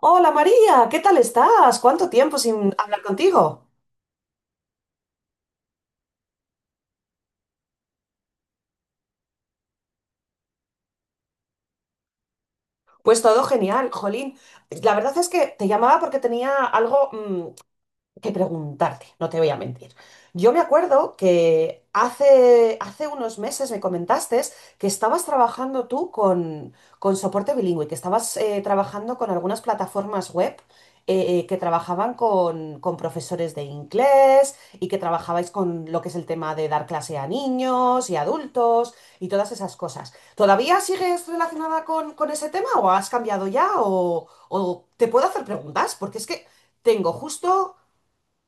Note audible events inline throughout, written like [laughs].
Hola María, ¿qué tal estás? ¿Cuánto tiempo sin hablar contigo? Pues todo genial, Jolín. La verdad es que te llamaba porque tenía algo, que preguntarte, no te voy a mentir. Yo me acuerdo que hace unos meses me comentaste que estabas trabajando tú con soporte bilingüe, que estabas trabajando con algunas plataformas web que trabajaban con profesores de inglés y que trabajabais con lo que es el tema de dar clase a niños y adultos y todas esas cosas. ¿Todavía sigues relacionada con ese tema o has cambiado ya o te puedo hacer preguntas? Porque es que. Tengo justo.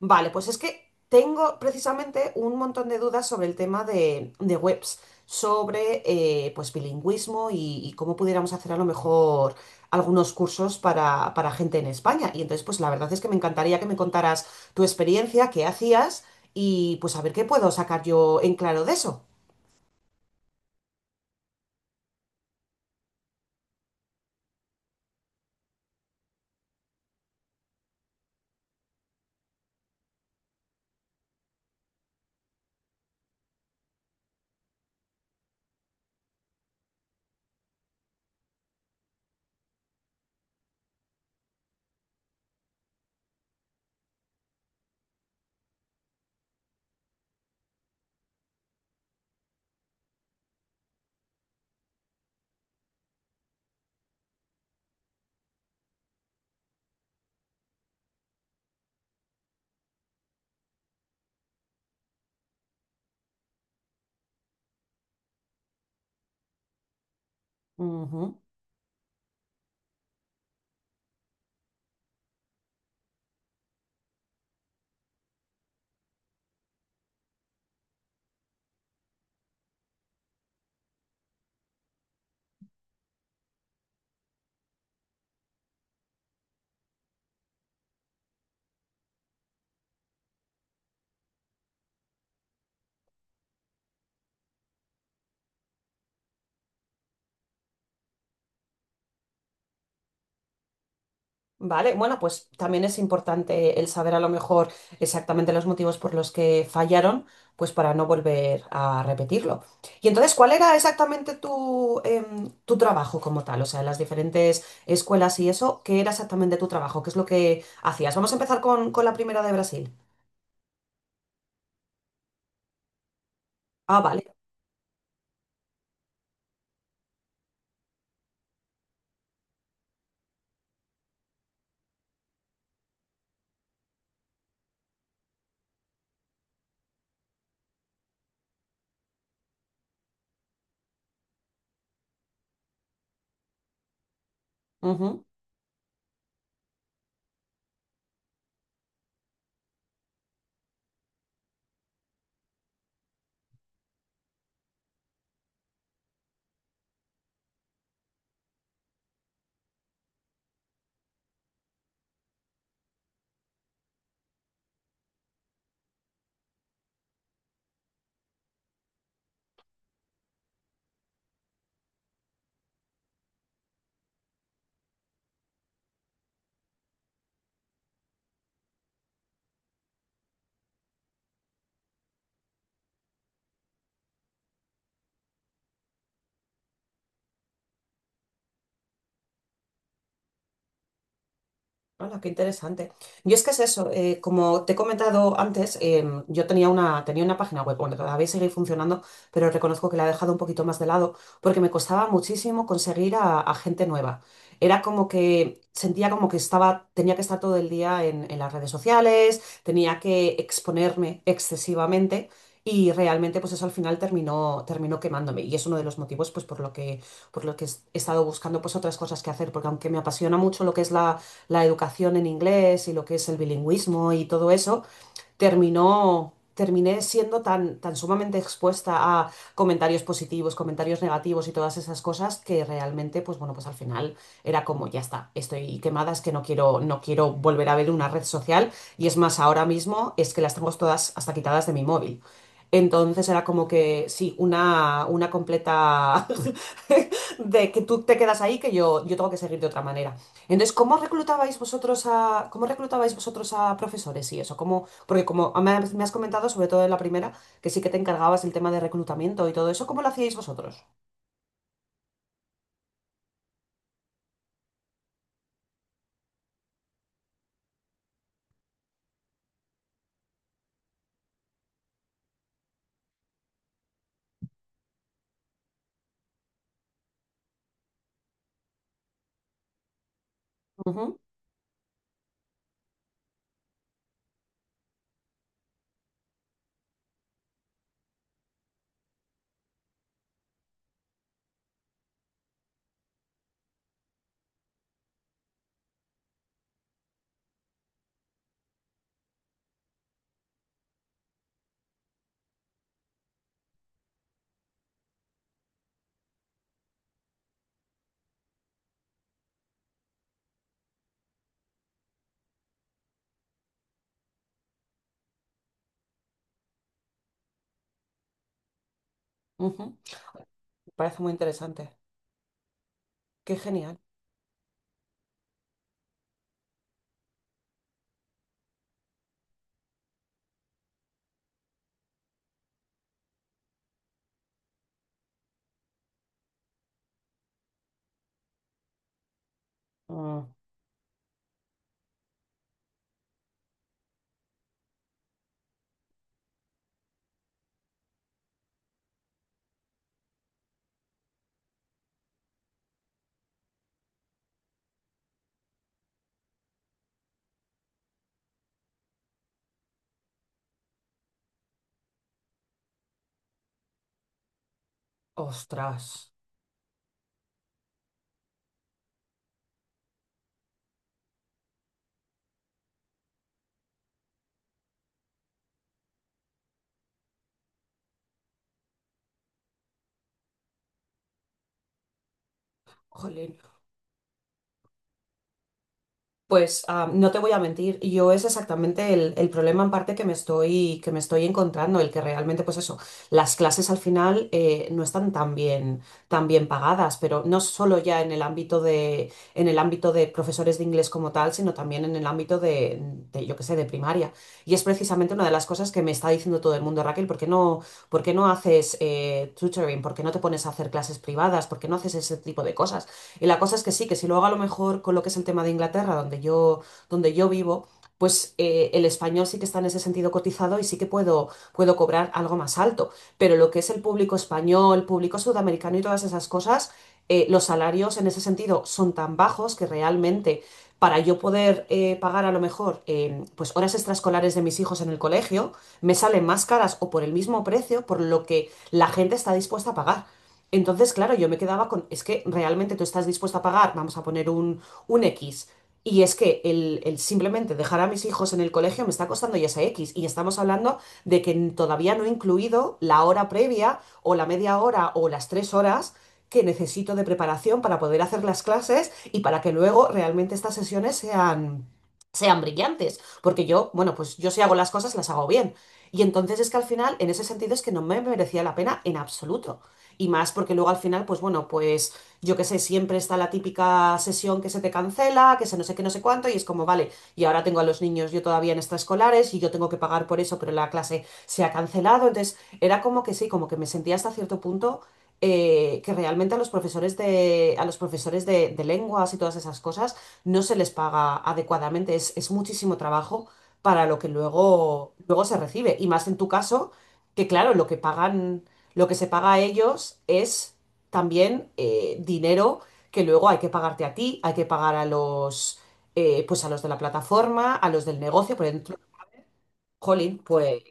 Vale, pues es que tengo precisamente un montón de dudas sobre el tema de webs, sobre pues bilingüismo y cómo pudiéramos hacer a lo mejor algunos cursos para gente en España. Y entonces, pues la verdad es que me encantaría que me contaras tu experiencia, qué hacías y pues a ver qué puedo sacar yo en claro de eso. Ujú. Vale, bueno, pues también es importante el saber a lo mejor exactamente los motivos por los que fallaron, pues para no volver a repetirlo. Y entonces, ¿cuál era exactamente tu trabajo como tal? O sea, en las diferentes escuelas y eso, ¿qué era exactamente tu trabajo? ¿Qué es lo que hacías? Vamos a empezar con la primera de Brasil. Ah, vale. Hola, qué interesante. Yo es que es eso, como te he comentado antes, yo tenía una página web, bueno, todavía sigue funcionando, pero reconozco que la he dejado un poquito más de lado porque me costaba muchísimo conseguir a gente nueva. Era como que sentía como que estaba, tenía que estar todo el día en las redes sociales, tenía que exponerme excesivamente y realmente pues eso al final terminó quemándome y es uno de los motivos pues por lo que he estado buscando pues otras cosas que hacer, porque aunque me apasiona mucho lo que es la educación en inglés y lo que es el bilingüismo y todo eso, terminó, terminé siendo tan sumamente expuesta a comentarios positivos, comentarios negativos y todas esas cosas que realmente, pues bueno, pues al final era como, ya está, estoy quemada, es que no quiero, volver a ver una red social y es más, ahora mismo es que las tengo todas hasta quitadas de mi móvil. Entonces era como que sí, una completa [laughs] de que tú te quedas ahí, que yo tengo que seguir de otra manera. Entonces, ¿cómo reclutabais vosotros a profesores y eso? Cómo Porque como me has comentado, sobre todo en la primera, que sí que te encargabas del tema de reclutamiento y todo eso, ¿cómo lo hacíais vosotros? Ujú, ujú. Me parece muy interesante. Qué genial. Mm, ostras. Jolín. Pues ah, no te voy a mentir, yo es exactamente el problema en parte que me estoy, encontrando, el que realmente, pues eso, las clases al final no están tan bien pagadas, pero no solo ya en el ámbito de profesores de inglés como tal, sino también en el ámbito de, yo qué sé, de primaria. Y es precisamente una de las cosas que me está diciendo todo el mundo, Raquel, ¿por qué no haces tutoring? ¿Por qué no te pones a hacer clases privadas? ¿Por qué no haces ese tipo de cosas? Y la cosa es que sí, que si luego a lo mejor con lo que es el tema de Inglaterra, donde yo vivo, pues el español sí que está en ese sentido cotizado y sí que puedo cobrar algo más alto. Pero lo que es el público español, público sudamericano y todas esas cosas, los salarios en ese sentido son tan bajos que realmente para yo poder pagar a lo mejor pues horas extraescolares de mis hijos en el colegio, me salen más caras o por el mismo precio por lo que la gente está dispuesta a pagar. Entonces, claro, yo me quedaba con, es que realmente tú estás dispuesta a pagar, vamos a poner un X, y es que el simplemente dejar a mis hijos en el colegio me está costando ya ese X, y estamos hablando de que todavía no he incluido la hora previa o la media hora o las 3 horas que necesito de preparación para poder hacer las clases y para que luego realmente estas sesiones sean brillantes, porque yo, bueno, pues yo si hago las cosas, las hago bien. Y entonces es que al final, en ese sentido, es que no me merecía la pena en absoluto y más porque luego al final, pues bueno, pues yo qué sé, siempre está la típica sesión que se te cancela, que se no sé qué, no sé cuánto, y es como, vale, y ahora tengo a los niños yo todavía en extraescolares y yo tengo que pagar por eso, pero la clase se ha cancelado, entonces era como que sí, como que me sentía hasta cierto punto que realmente a los profesores de, a los profesores de lenguas y todas esas cosas no se les paga adecuadamente, es muchísimo trabajo para lo que luego se recibe, y más en tu caso, que claro, lo que pagan. Lo que se paga a ellos es también dinero que luego hay que pagarte a ti, hay que pagar pues a los de la plataforma, a los del negocio, por ejemplo, Jolín, pues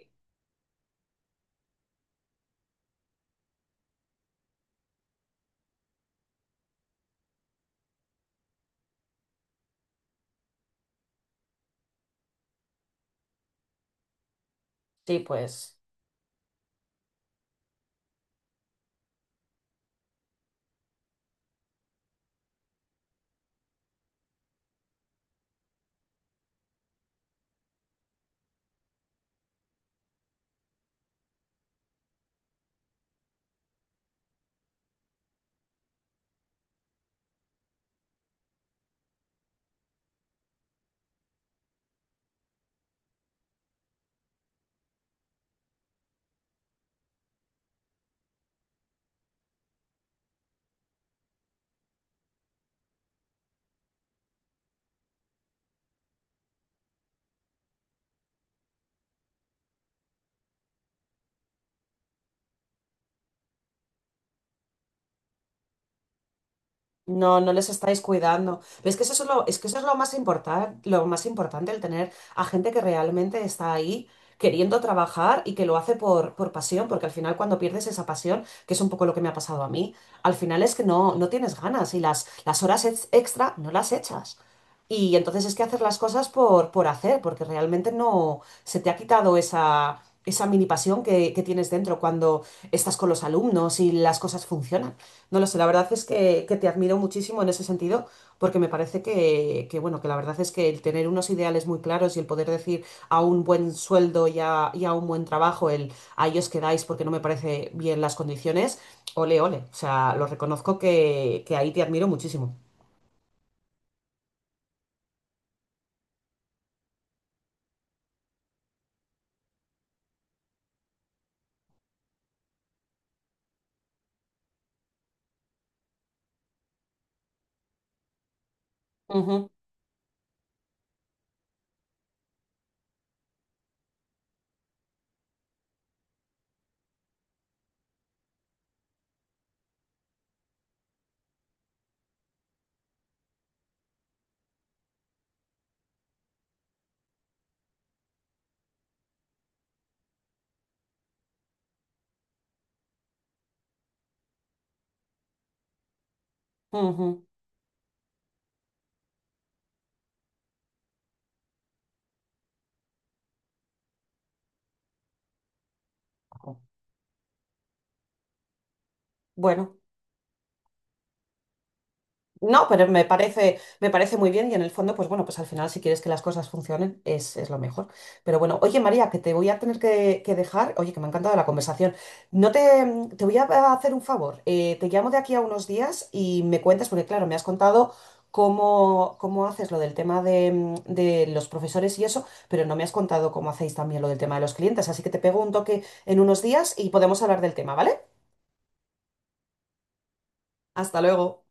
sí, pues. No, no les estáis cuidando. Pero es que eso es lo, es que eso es lo más importante, el tener a gente que realmente está ahí queriendo trabajar y que lo hace por pasión, porque al final cuando pierdes esa pasión, que es un poco lo que me ha pasado a mí, al final es que no, tienes ganas y las horas ex- extra no las echas. Y entonces es que hacer las cosas por hacer, porque realmente no se te ha quitado esa mini pasión que tienes dentro cuando estás con los alumnos y las cosas funcionan. No lo sé, la verdad es que te admiro muchísimo en ese sentido, porque me parece que, bueno, que la verdad es que el tener unos ideales muy claros y el poder decir a un buen sueldo y a un buen trabajo, el a ellos quedáis porque no me parece bien las condiciones, ole, ole. O sea, lo reconozco que ahí te admiro muchísimo. Ujú, ujú. Bueno. No, pero me parece muy bien y en el fondo, pues bueno, pues al final si quieres que las cosas funcionen es lo mejor. Pero bueno, oye María, que te voy a tener que dejar, oye, que me ha encantado la conversación. No te voy a hacer un favor, te llamo de aquí a unos días y me cuentas, porque claro, me has contado cómo, cómo haces lo del tema de los profesores y eso, pero no me has contado cómo hacéis también lo del tema de los clientes, así que te pego un toque en unos días y podemos hablar del tema, ¿vale? Hasta luego.